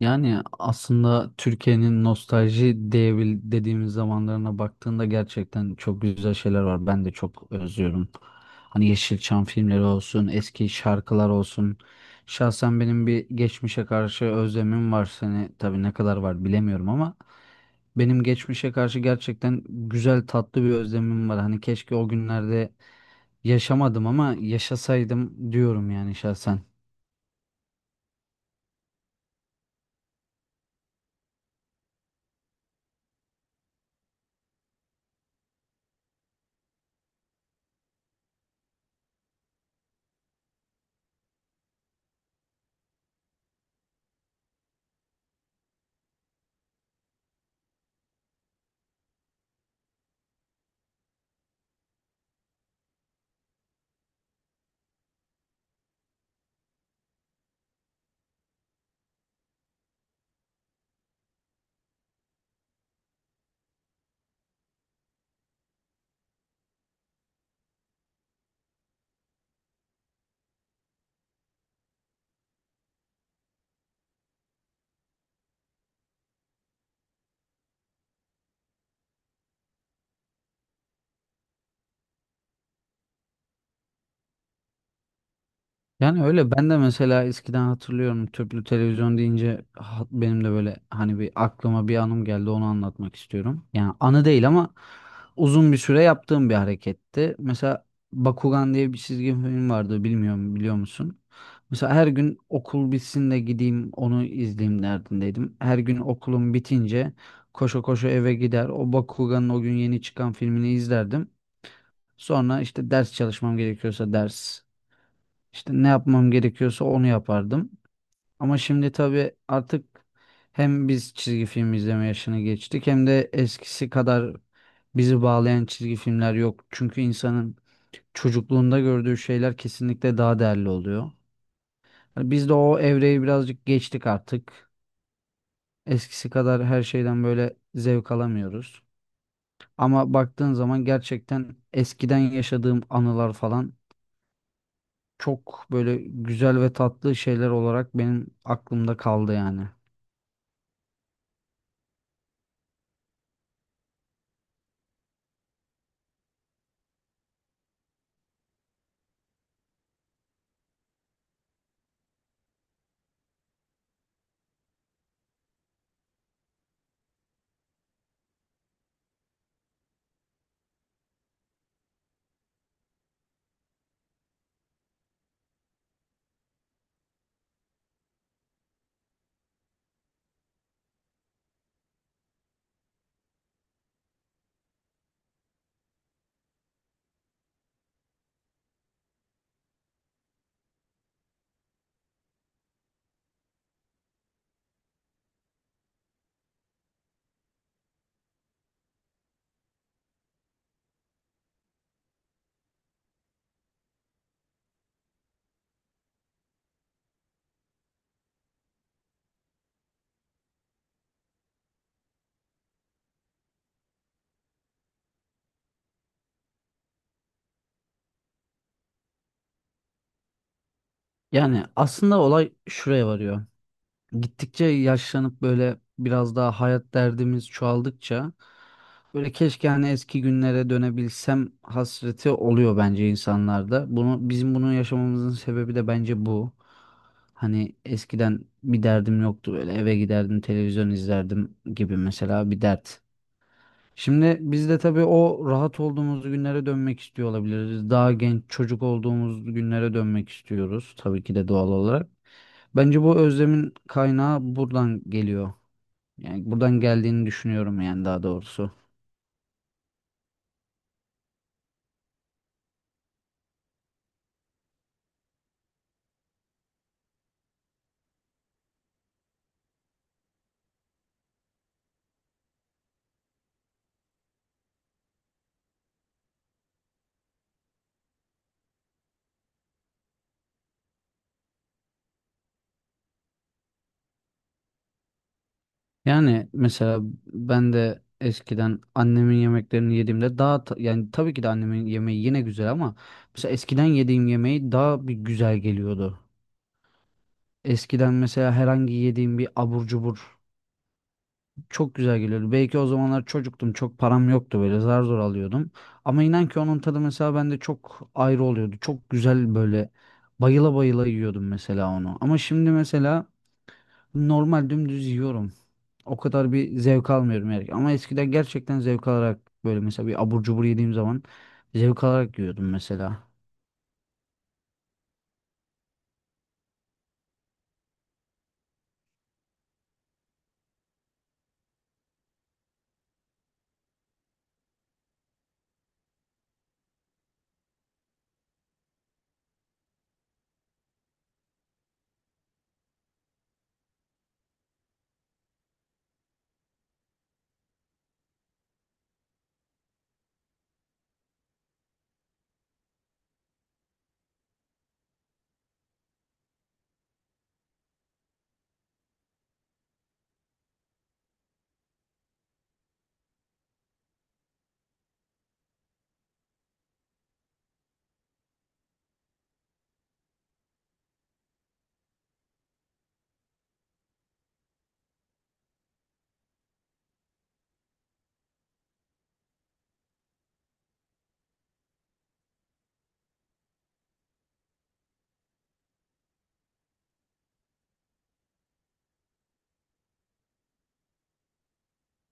Yani aslında Türkiye'nin nostalji diyebil dediğimiz zamanlarına baktığında gerçekten çok güzel şeyler var. Ben de çok özlüyorum. Hani Yeşilçam filmleri olsun, eski şarkılar olsun. Şahsen benim bir geçmişe karşı özlemim var. Seni tabii ne kadar var bilemiyorum ama benim geçmişe karşı gerçekten güzel tatlı bir özlemim var. Hani keşke o günlerde yaşamadım ama yaşasaydım diyorum yani şahsen. Yani öyle ben de mesela eskiden hatırlıyorum tüplü televizyon deyince benim de böyle hani bir aklıma bir anım geldi onu anlatmak istiyorum. Yani anı değil ama uzun bir süre yaptığım bir hareketti. Mesela Bakugan diye bir çizgi film vardı, bilmiyorum, biliyor musun? Mesela her gün okul bitsin de gideyim onu izleyeyim derdindeydim. Her gün okulum bitince koşa koşa eve gider o Bakugan'ın o gün yeni çıkan filmini izlerdim. Sonra işte ders çalışmam gerekiyorsa ders, işte ne yapmam gerekiyorsa onu yapardım. Ama şimdi tabii artık hem biz çizgi film izleme yaşını geçtik hem de eskisi kadar bizi bağlayan çizgi filmler yok. Çünkü insanın çocukluğunda gördüğü şeyler kesinlikle daha değerli oluyor. Yani biz de o evreyi birazcık geçtik artık. Eskisi kadar her şeyden böyle zevk alamıyoruz. Ama baktığın zaman gerçekten eskiden yaşadığım anılar falan çok böyle güzel ve tatlı şeyler olarak benim aklımda kaldı yani. Yani aslında olay şuraya varıyor. Gittikçe yaşlanıp böyle biraz daha hayat derdimiz çoğaldıkça böyle keşke hani eski günlere dönebilsem hasreti oluyor bence insanlarda. Bunu bizim yaşamamızın sebebi de bence bu. Hani eskiden bir derdim yoktu, böyle eve giderdim televizyon izlerdim gibi mesela bir dert. Şimdi biz de tabii o rahat olduğumuz günlere dönmek istiyor olabiliriz. Daha genç çocuk olduğumuz günlere dönmek istiyoruz tabii ki de doğal olarak. Bence bu özlemin kaynağı buradan geliyor. Yani buradan geldiğini düşünüyorum, yani daha doğrusu. Yani mesela ben de eskiden annemin yemeklerini yediğimde daha yani tabii ki de annemin yemeği yine güzel ama mesela eskiden yediğim yemeği daha bir güzel geliyordu. Eskiden mesela herhangi yediğim bir abur cubur çok güzel geliyordu. Belki o zamanlar çocuktum. Çok param yoktu, böyle zar zor alıyordum. Ama inan ki onun tadı mesela bende çok ayrı oluyordu. Çok güzel böyle bayıla bayıla yiyordum mesela onu. Ama şimdi mesela normal dümdüz yiyorum. O kadar bir zevk almıyorum yani. Ama eskiden gerçekten zevk alarak böyle mesela bir abur cubur yediğim zaman zevk alarak yiyordum mesela.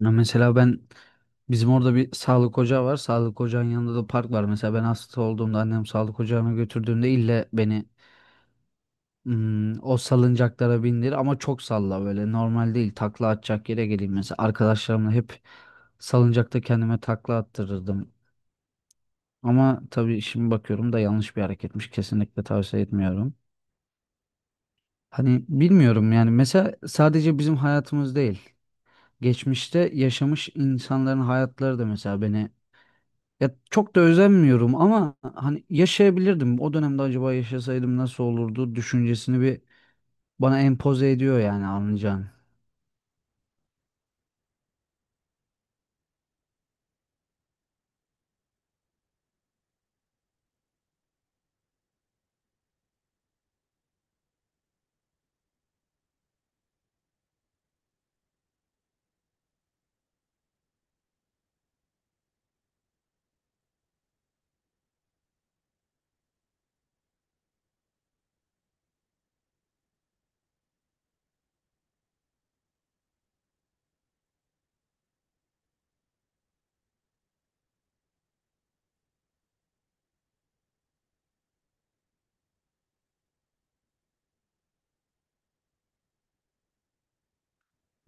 Ya mesela ben bizim orada bir sağlık ocağı var. Sağlık ocağının yanında da park var. Mesela ben hasta olduğumda annem sağlık ocağına götürdüğümde ille beni hmm, o salıncaklara bindir ama çok salla, böyle normal değil, takla atacak yere geleyim, mesela arkadaşlarımla hep salıncakta kendime takla attırırdım ama tabii şimdi bakıyorum da yanlış bir hareketmiş, kesinlikle tavsiye etmiyorum. Hani bilmiyorum yani, mesela sadece bizim hayatımız değil, geçmişte yaşamış insanların hayatları da mesela beni, ya çok da özenmiyorum ama hani yaşayabilirdim o dönemde, acaba yaşasaydım nasıl olurdu düşüncesini bir bana empoze ediyor yani, anlayacağın.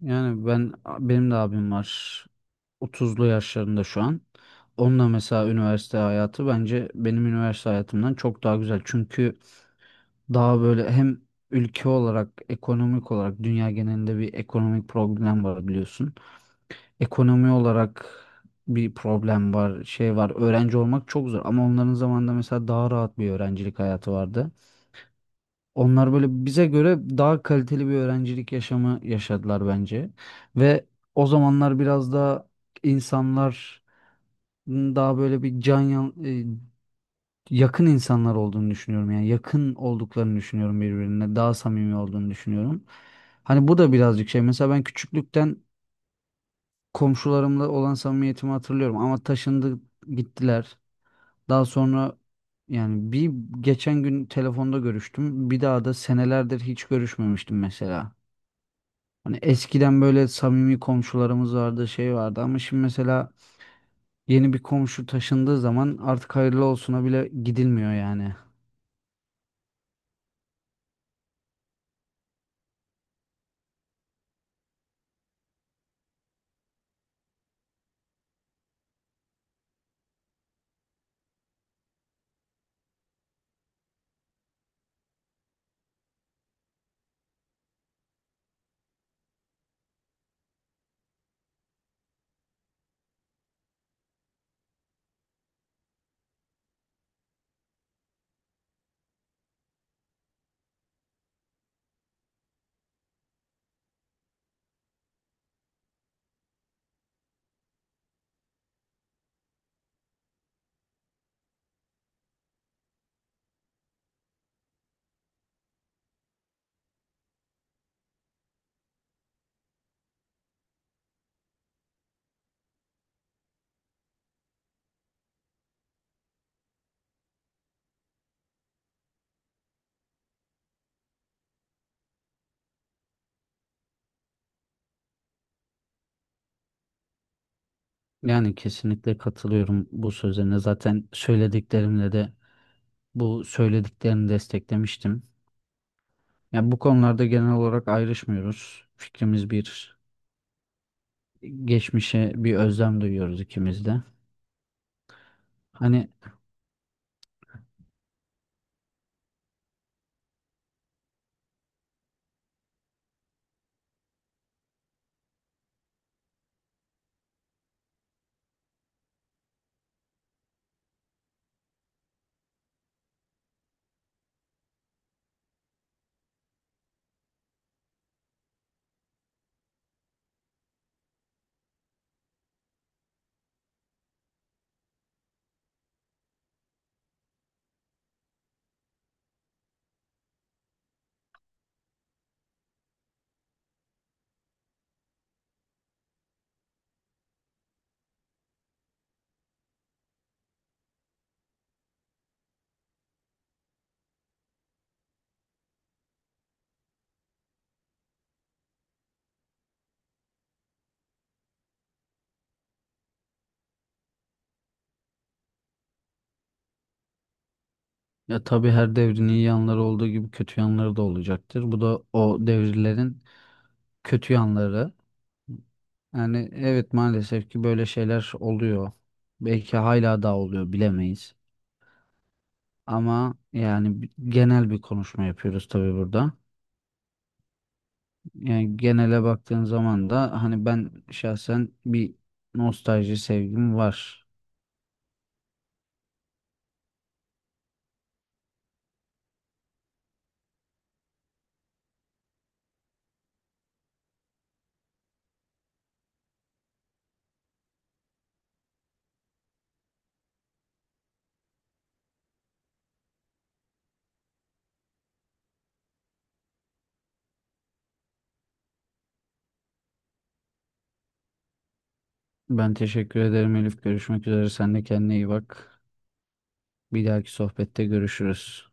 Yani, benim de abim var. 30'lu yaşlarında şu an. Onunla mesela üniversite hayatı bence benim üniversite hayatımdan çok daha güzel. Çünkü daha böyle hem ülke olarak, ekonomik olarak dünya genelinde bir ekonomik problem var biliyorsun. Ekonomi olarak bir problem var, şey var. Öğrenci olmak çok zor ama onların zamanında mesela daha rahat bir öğrencilik hayatı vardı. Onlar böyle bize göre daha kaliteli bir öğrencilik yaşamı yaşadılar bence. Ve o zamanlar biraz daha insanlar daha böyle bir yakın insanlar olduğunu düşünüyorum. Yani yakın olduklarını düşünüyorum birbirine. Daha samimi olduğunu düşünüyorum. Hani bu da birazcık şey. Mesela ben küçüklükten komşularımla olan samimiyetimi hatırlıyorum ama taşındı, gittiler. Daha sonra yani bir geçen gün telefonda görüştüm. Bir daha da senelerdir hiç görüşmemiştim mesela. Hani eskiden böyle samimi komşularımız vardı, şey vardı, ama şimdi mesela yeni bir komşu taşındığı zaman artık hayırlı olsuna bile gidilmiyor yani. Yani kesinlikle katılıyorum bu sözlerine. Zaten söylediklerimle de bu söylediklerini desteklemiştim. Yani bu konularda genel olarak ayrışmıyoruz. Fikrimiz bir. Geçmişe bir özlem duyuyoruz ikimiz de. Hani ya, tabii her devrin iyi yanları olduğu gibi kötü yanları da olacaktır. Bu da o devirlerin kötü yanları. Yani evet, maalesef ki böyle şeyler oluyor. Belki hala da oluyor bilemeyiz. Ama yani genel bir konuşma yapıyoruz tabii burada. Yani genele baktığın zaman da hani ben şahsen bir nostalji sevgim var. Ben teşekkür ederim Elif. Görüşmek üzere. Sen de kendine iyi bak. Bir dahaki sohbette görüşürüz.